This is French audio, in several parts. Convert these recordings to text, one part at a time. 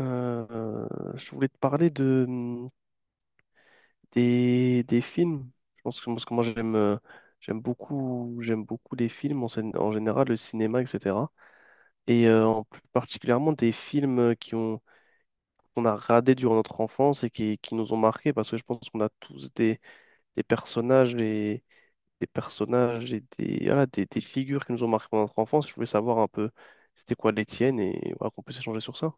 Euh, je voulais te parler de des films. Je pense que parce que moi j'aime j'aime beaucoup les films en général, le cinéma, etc. Et en plus particulièrement des films qui ont qu'on a radés durant notre enfance et qui nous ont marqués parce que je pense qu'on a tous des personnages et des personnages et des figures qui nous ont marqués pendant notre enfance. Je voulais savoir un peu c'était quoi les tiennes et voilà, qu'on puisse échanger sur ça.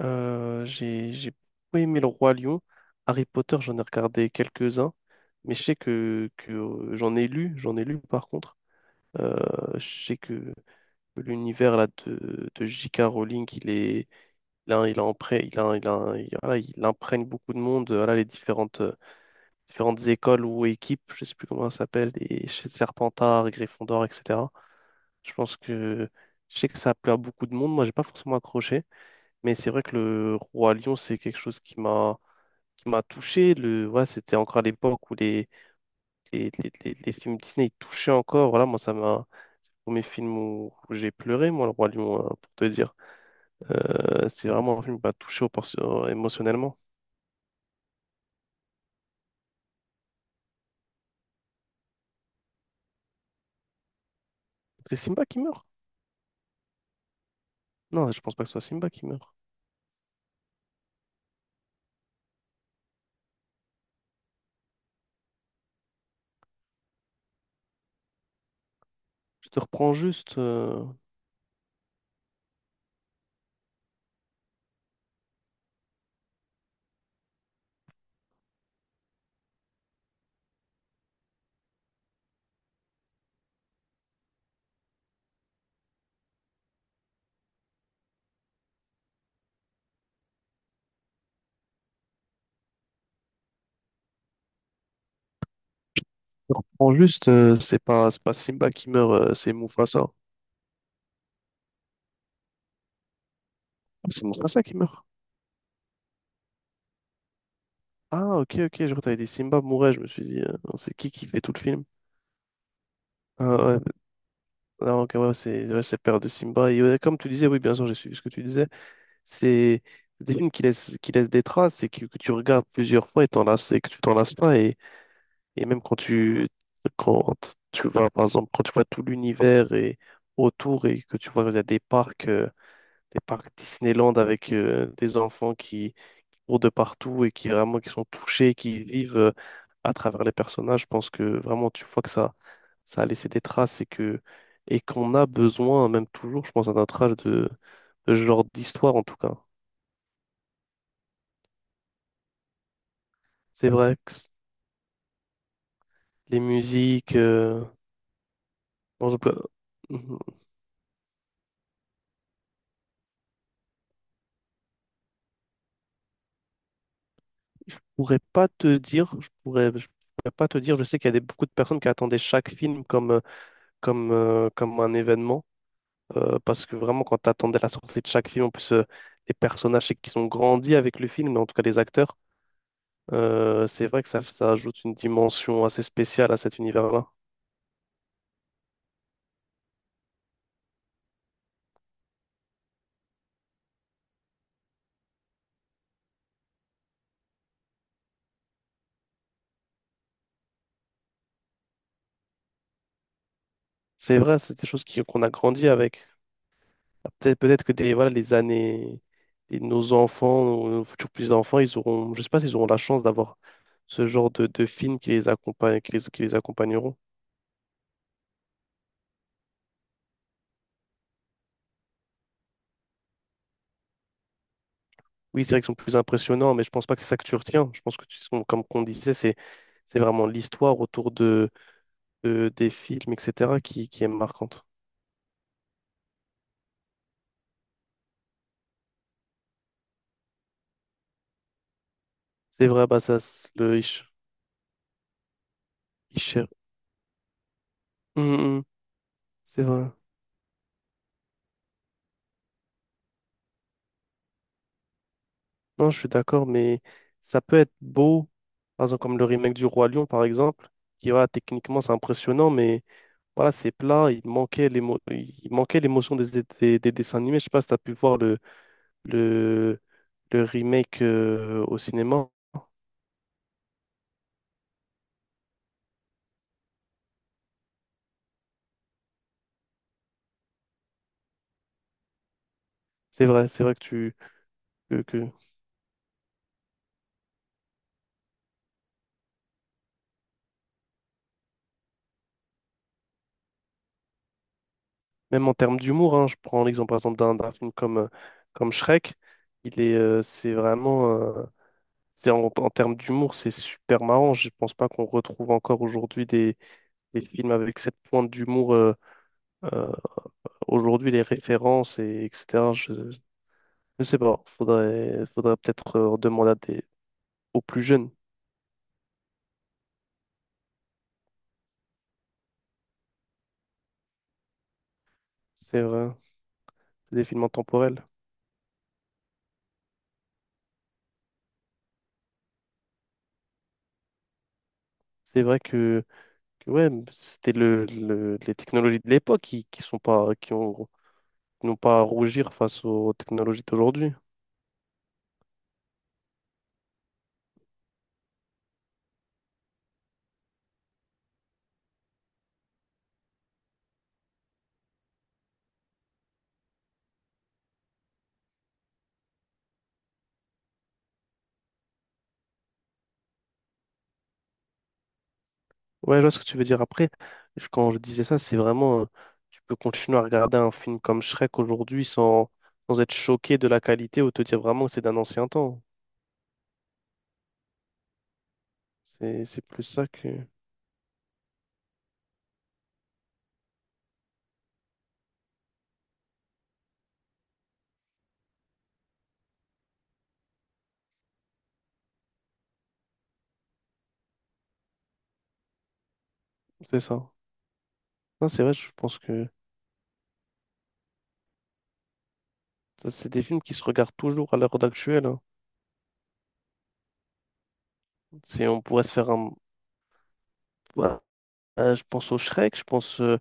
J'ai beaucoup aimé Le Roi Lion. Harry Potter, j'en ai regardé quelques-uns, mais je sais que j'en ai lu par contre. Euh, je sais que l'univers de J.K. Rowling, il a impré- il a, il a- il voilà, il imprègne beaucoup de monde. Voilà, différentes écoles ou équipes, je sais plus comment ça s'appelle, les Serpentard, Gryffondor, etc. Je pense que je sais que ça a plu à beaucoup de monde. Moi, j'ai pas forcément accroché. Mais c'est vrai que le Roi Lion, c'est quelque chose qui m'a touché. Ouais, c'était encore à l'époque où les films Disney ils touchaient encore. Voilà, moi, ça m'a. C'est le premier film où j'ai pleuré, moi, le Roi Lion, hein, pour te dire. C'est vraiment un film qui m'a touché émotionnellement. C'est Simba qui meurt? Non, je pense pas que ce soit Simba qui meurt. Je te reprends juste. euh, Je te reprends juste. C'est pas Simba qui meurt, c'est Mufasa. Ah, c'est Mufasa qui meurt. Ah, ok, ok, je crois que t'avais dit Simba mourait. Je me suis dit, c'est qui fait tout le film? Ah ouais, donc ouais, c'est le père de Simba. Et ouais, comme tu disais, oui, bien sûr, j'ai suivi ce que tu disais. C'est des films qui laissent des traces et que tu regardes plusieurs fois et et que tu t'en lasses pas. Et même quand tu vois, par exemple, quand tu vois tout l'univers et autour et que tu vois, il y a des parcs Disneyland avec des enfants qui, autour de partout et qui sont touchés, qui vivent à travers les personnages. Je pense que vraiment tu vois ça a laissé des traces et que et qu'on a besoin, même toujours, je pense, à notre âge de ce genre d'histoire en tout cas. C'est vrai que les musiques, bon, je peux- je pourrais pas te dire, je pourrais pas te dire. Je sais qu'il y a beaucoup de personnes qui attendaient chaque film comme comme un événement. Parce que vraiment, quand tu attendais la sortie de chaque film, en plus, les personnages c'est qu'ils ont grandi avec le film, mais en tout cas les acteurs, c'est vrai ça ajoute une dimension assez spéciale à cet univers-là. C'est vrai, c'est des choses qu'on a grandi avec. Peut-être les années, et nos enfants, nos futurs petits-enfants, je sais pas s'ils auront la chance d'avoir ce genre de films qui les accompagnent, qui les accompagneront. Oui, c'est vrai qu'ils sont plus impressionnants, mais je pense pas que c'est ça que tu retiens. Je pense que tu, comme on disait, c'est vraiment l'histoire autour de, des films, etc., qui est marquante. C'est vrai, bah ça, c'est le Isher. Hum, hum, hum, c'est vrai. Non, je suis d'accord, mais ça peut être beau, par exemple comme le remake du Roi Lion, par exemple, qui voilà, techniquement c'est impressionnant, mais voilà, c'est plat, il manquait l'émotion des, des dessins animés. Je sais pas si tu as pu voir le, le remake au cinéma. C'est vrai que même en termes d'humour, hein, je prends l'exemple par exemple d'un film comme, comme Shrek, il est c'est vraiment c'est en, en termes d'humour, c'est super marrant. Je pense pas qu'on retrouve encore aujourd'hui les films avec cette pointe d'humour euh, aujourd'hui, les références, et, etc. Je ne sais pas. Faudrait peut-être demander à aux plus jeunes. C'est vrai. C'est des films intemporels. C'est vrai que ouais, c'était les technologies de l'époque qui ont, non pas à rougir face aux technologies d'aujourd'hui. Ouais, je vois ce que tu veux dire. Après, quand je disais ça, c'est vraiment, tu peux continuer à regarder un film comme Shrek aujourd'hui sans être choqué de la qualité ou te dire vraiment que c'est d'un ancien temps. C'est plus ça que... C'est ça. Non, c'est vrai, je pense que... Ça, c'est des films qui se regardent toujours à l'heure actuelle, hein. On pourrait se faire un. Ouais. Je pense au Shrek, je pense, euh,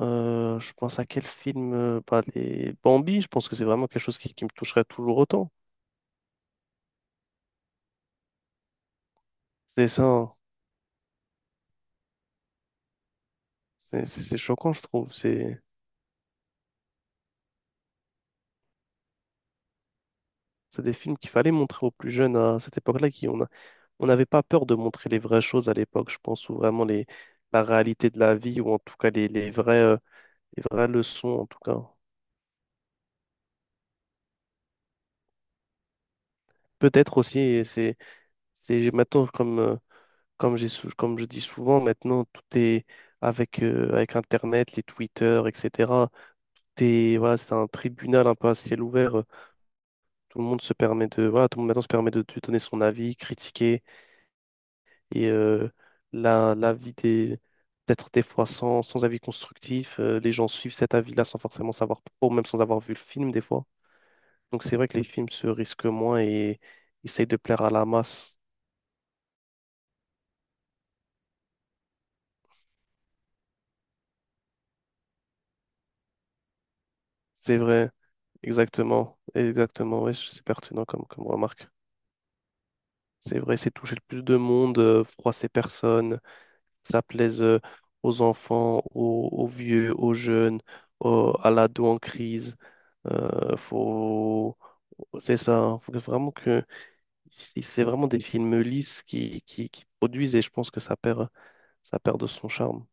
euh, je pense à quel film, bah, les Bambi, je pense que c'est vraiment quelque chose qui me toucherait toujours autant. C'est ça, hein. C'est choquant, je trouve. C'est des films qu'il fallait montrer aux plus jeunes à cette époque-là, on n'avait pas peur de montrer les vraies choses à l'époque, je pense, ou vraiment les, la réalité de la vie, ou en tout cas les vraies leçons, en tout cas. Peut-être aussi, et c'est maintenant comme. Comme comme je dis souvent, maintenant, tout est avec, avec Internet, les Twitter, etc. Voilà, c'est un tribunal un peu à ciel ouvert. Tout le monde se permet de, voilà, tout le monde maintenant se permet de donner son avis, critiquer. Et l'avis des, peut-être des fois sans avis constructif, les gens suivent cet avis-là sans forcément savoir pourquoi, ou même sans avoir vu le film des fois. Donc c'est vrai que les films se risquent moins et essayent de plaire à la masse. C'est vrai, exactement, exactement, ouais, c'est pertinent comme remarque. C'est vrai, c'est toucher le plus de monde, froisser personne, ça plaise aux enfants, aux vieux, aux jeunes, à l'ado en crise. Faut... C'est ça, hein. Faut que vraiment que c'est vraiment des films lisses qui produisent et je pense que ça perd de son charme.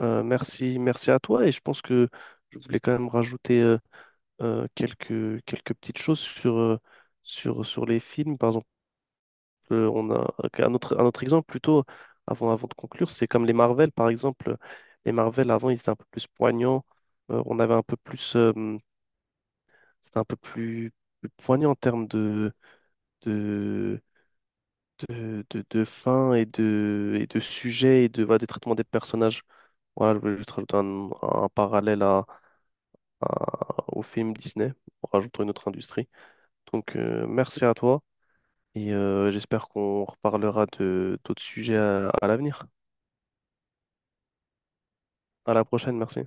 Merci à toi et je pense que je voulais quand même rajouter quelques petites choses sur les films. Par exemple, on a un autre exemple plutôt avant de conclure, c'est comme les Marvel, par exemple. Les Marvel, avant, ils étaient un peu plus poignants. On avait un peu plus. C'était plus poignant en termes de, de fin et de sujet et de, voilà, des traitements des personnages. Voilà, je voulais juste rajouter un parallèle à, au film Disney, en rajoutant une autre industrie. Donc, merci à toi et j'espère qu'on reparlera de d'autres sujets à l'avenir. À la prochaine, merci.